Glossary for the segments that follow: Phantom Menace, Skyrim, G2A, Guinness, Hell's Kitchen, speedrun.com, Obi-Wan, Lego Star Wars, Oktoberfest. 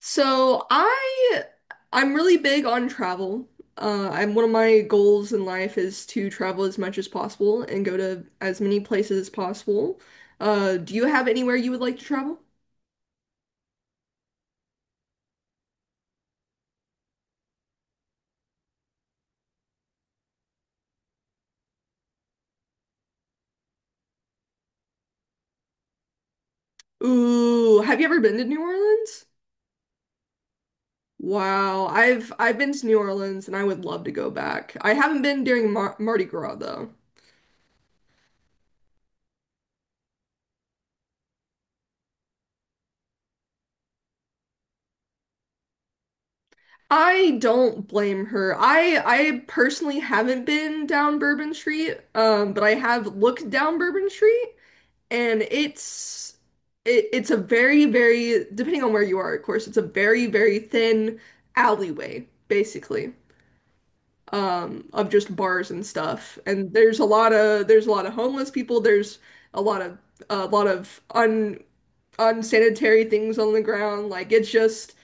So I'm really big on travel. I'm one of my goals in life is to travel as much as possible and go to as many places as possible. Do you have anywhere you would like to travel? Ooh, have you ever been to New Orleans? Wow, I've been to New Orleans and I would love to go back. I haven't been during Mardi Gras though. I don't blame her. I personally haven't been down Bourbon Street, but I have looked down Bourbon Street. And it's it's a very, very, depending on where you are, of course, it's a very, very thin alleyway, basically, of just bars and stuff. And there's a lot of homeless people. There's a lot of a lot of un unsanitary things on the ground. Like it's just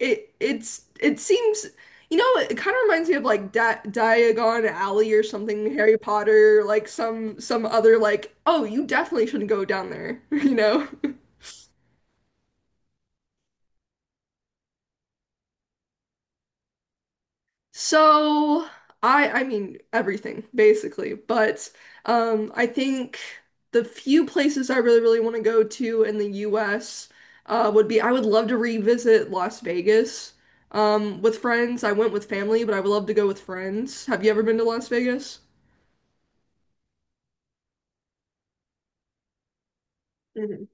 it it's it seems, it kind of reminds me of like Di Diagon Alley or something, Harry Potter, like some other like, oh, you definitely shouldn't go down there, you know? So I mean everything basically, but I think the few places I really really want to go to in the US would be, I would love to revisit Las Vegas with friends. I went with family, but I would love to go with friends. Have you ever been to Las Vegas? Mhm.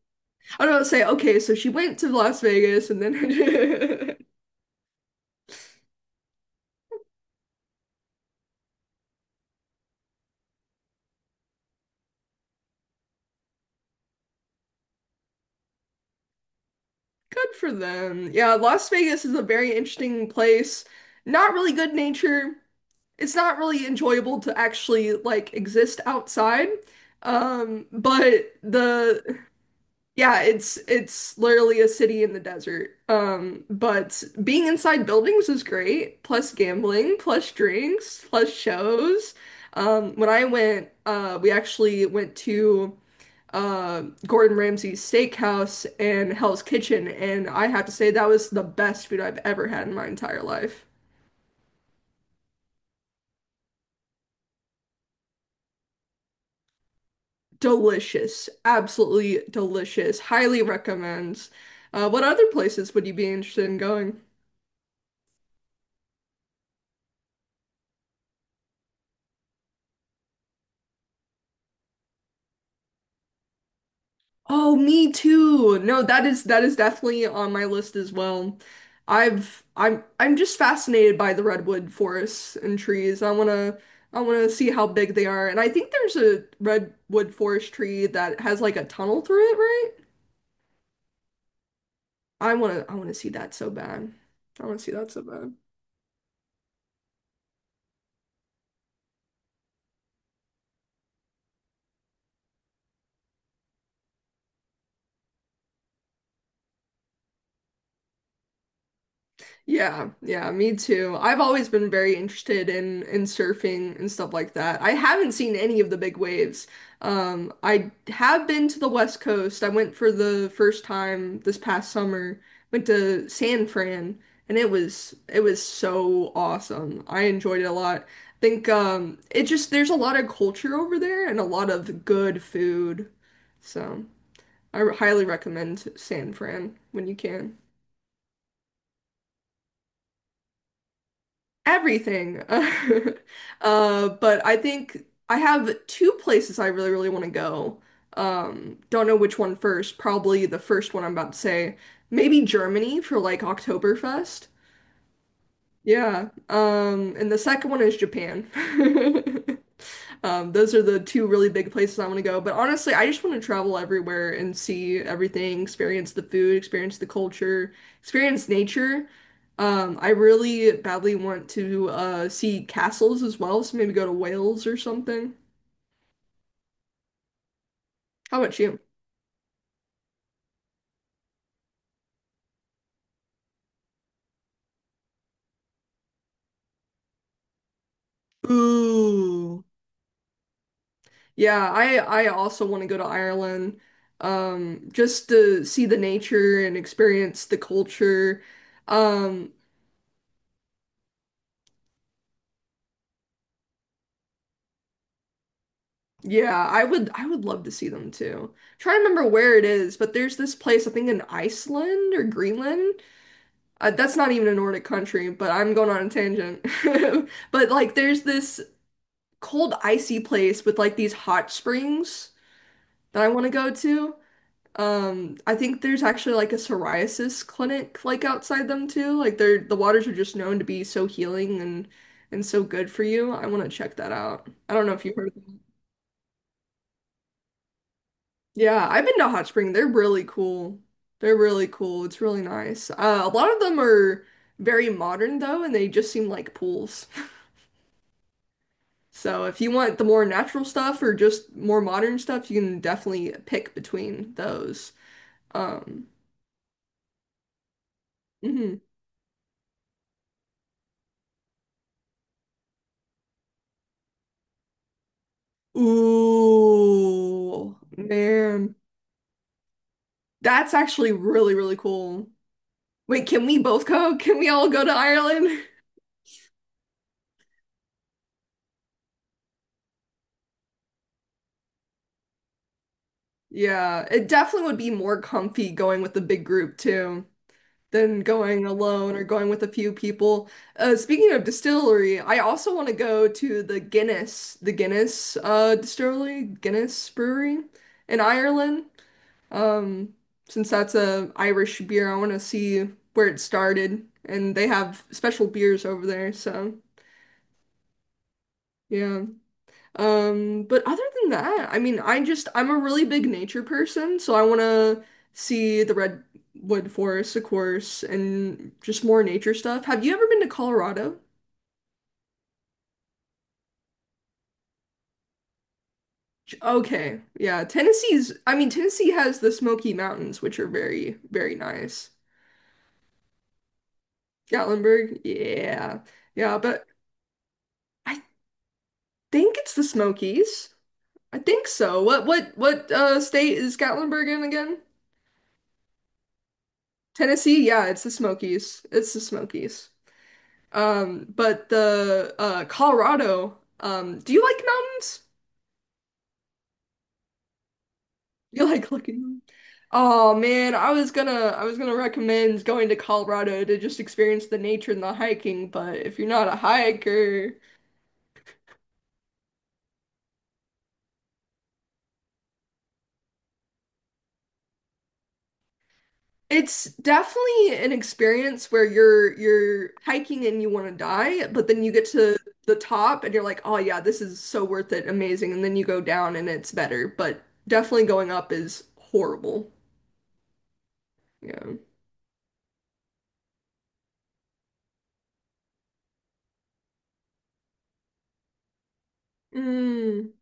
I don't say okay, so she went to Las Vegas and then good for them. Yeah, Las Vegas is a very interesting place. Not really good nature. It's not really enjoyable to actually like exist outside. But the Yeah, it's literally a city in the desert. But being inside buildings is great, plus gambling, plus drinks, plus shows. When I went, we actually went to uh, Gordon Ramsay's Steakhouse and Hell's Kitchen, and I have to say that was the best food I've ever had in my entire life. Delicious. Absolutely delicious. Highly recommends. What other places would you be interested in going? Oh, me too. No, that is definitely on my list as well. I'm just fascinated by the redwood forests and trees. I wanna see how big they are. And I think there's a redwood forest tree that has like a tunnel through it, right? I wanna see that so bad. I wanna see that so bad. Yeah, yeah, me too. I've always been very interested in surfing and stuff like that. I haven't seen any of the big waves. I have been to the West Coast. I went for the first time this past summer. Went to San Fran, and it was so awesome. I enjoyed it a lot. I think, it just there's a lot of culture over there and a lot of good food. So I highly recommend San Fran when you can. Everything. But I think I have two places I really, really want to go. Don't know which one first. Probably the first one I'm about to say. Maybe Germany for like Oktoberfest. Yeah. And the second one is Japan. Those are the two really big places I want to go. But honestly, I just want to travel everywhere and see everything, experience the food, experience the culture, experience nature. I really badly want to see castles as well, so maybe go to Wales or something. How about you? Ooh. Yeah, I also want to go to Ireland, just to see the nature and experience the culture. Um, Yeah, I would love to see them too. Trying to remember where it is, but there's this place I think in Iceland or Greenland. That's not even a Nordic country, but I'm going on a tangent. But like there's this cold icy place with like these hot springs that I want to go to. I think there's actually like a psoriasis clinic like outside them too. Like they're, the waters are just known to be so healing and so good for you. I want to check that out. I don't know if you heard. Yeah, I've been to Hot Spring. They're really cool. They're really cool. It's really nice. A lot of them are very modern though, and they just seem like pools. So if you want the more natural stuff or just more modern stuff, you can definitely pick between those. Um, mhm. Ooh, man. That's actually really, really cool. Wait, can we both go? Can we all go to Ireland? Yeah, it definitely would be more comfy going with the big group too. Than going alone or going with a few people. Speaking of distillery, I also want to go to the Guinness, the Guinness, distillery, Guinness Brewery in Ireland. Um, since that's a Irish beer, I want to see where it started, and they have special beers over there. So yeah. But other than that, I mean, I'm a really big nature person, so I want to see the redwood forest, of course, and just more nature stuff. Have you ever been to Colorado? Okay, yeah, Tennessee's. I mean, Tennessee has the Smoky Mountains, which are very, very nice. Gatlinburg, yeah, yeah, but I think it's the Smokies. I think so. What? State is Gatlinburg in again? Tennessee? Yeah, it's the Smokies. It's the Smokies. But the Colorado, do you like mountains? You like looking? Oh man, I was gonna recommend going to Colorado to just experience the nature and the hiking, but if you're not a hiker, it's definitely an experience where you're hiking and you want to die, but then you get to the top and you're like, "Oh yeah, this is so worth it, amazing." And then you go down and it's better, but definitely going up is horrible. Yeah. Mm.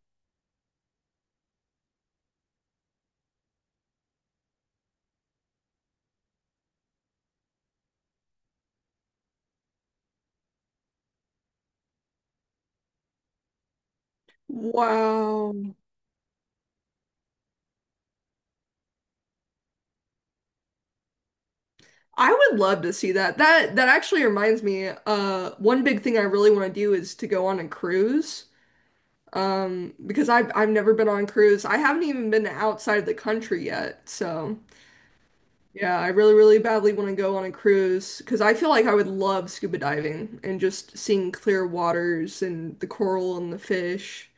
Wow. I would love to see that. That actually reminds me, one big thing I really want to do is to go on a cruise. Because I've never been on a cruise. I haven't even been outside of the country yet. So yeah, I really, really badly want to go on a cruise because I feel like I would love scuba diving and just seeing clear waters and the coral and the fish.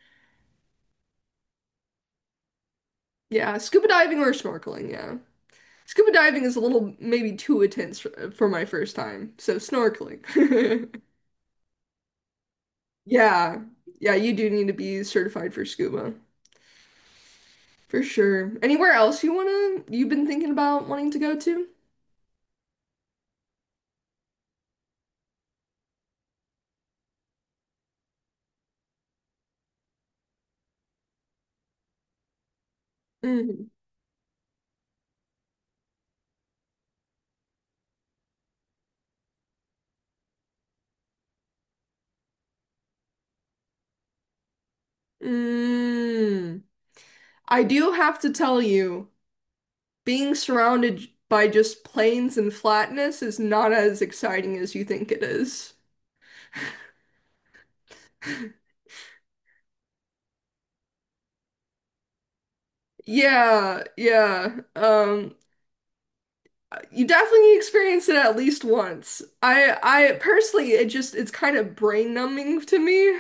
Yeah, scuba diving or snorkeling, yeah. Scuba diving is a little maybe too intense for, my first time, so snorkeling. Yeah. Yeah, you do need to be certified for scuba. For sure. Anywhere else you wanna you've been thinking about wanting to go to? Mm. Mm. I do have to tell you, being surrounded by just plains and flatness is not as exciting as you think it is. Yeah, yeah. You definitely experience it at least once. I personally, it's kind of brain numbing to me.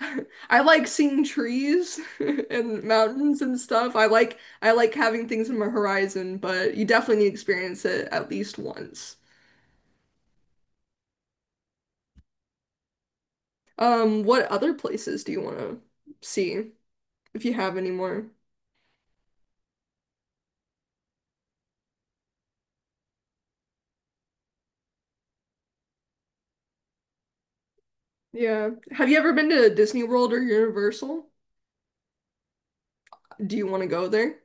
I like seeing trees and mountains and stuff. I like having things in my horizon, but you definitely need to experience it at least once. What other places do you want to see if you have any more? Yeah. Have you ever been to Disney World or Universal? Do you want to go there?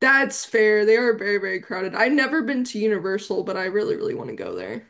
That's fair. They are very, very crowded. I've never been to Universal, but I really, really want to go there.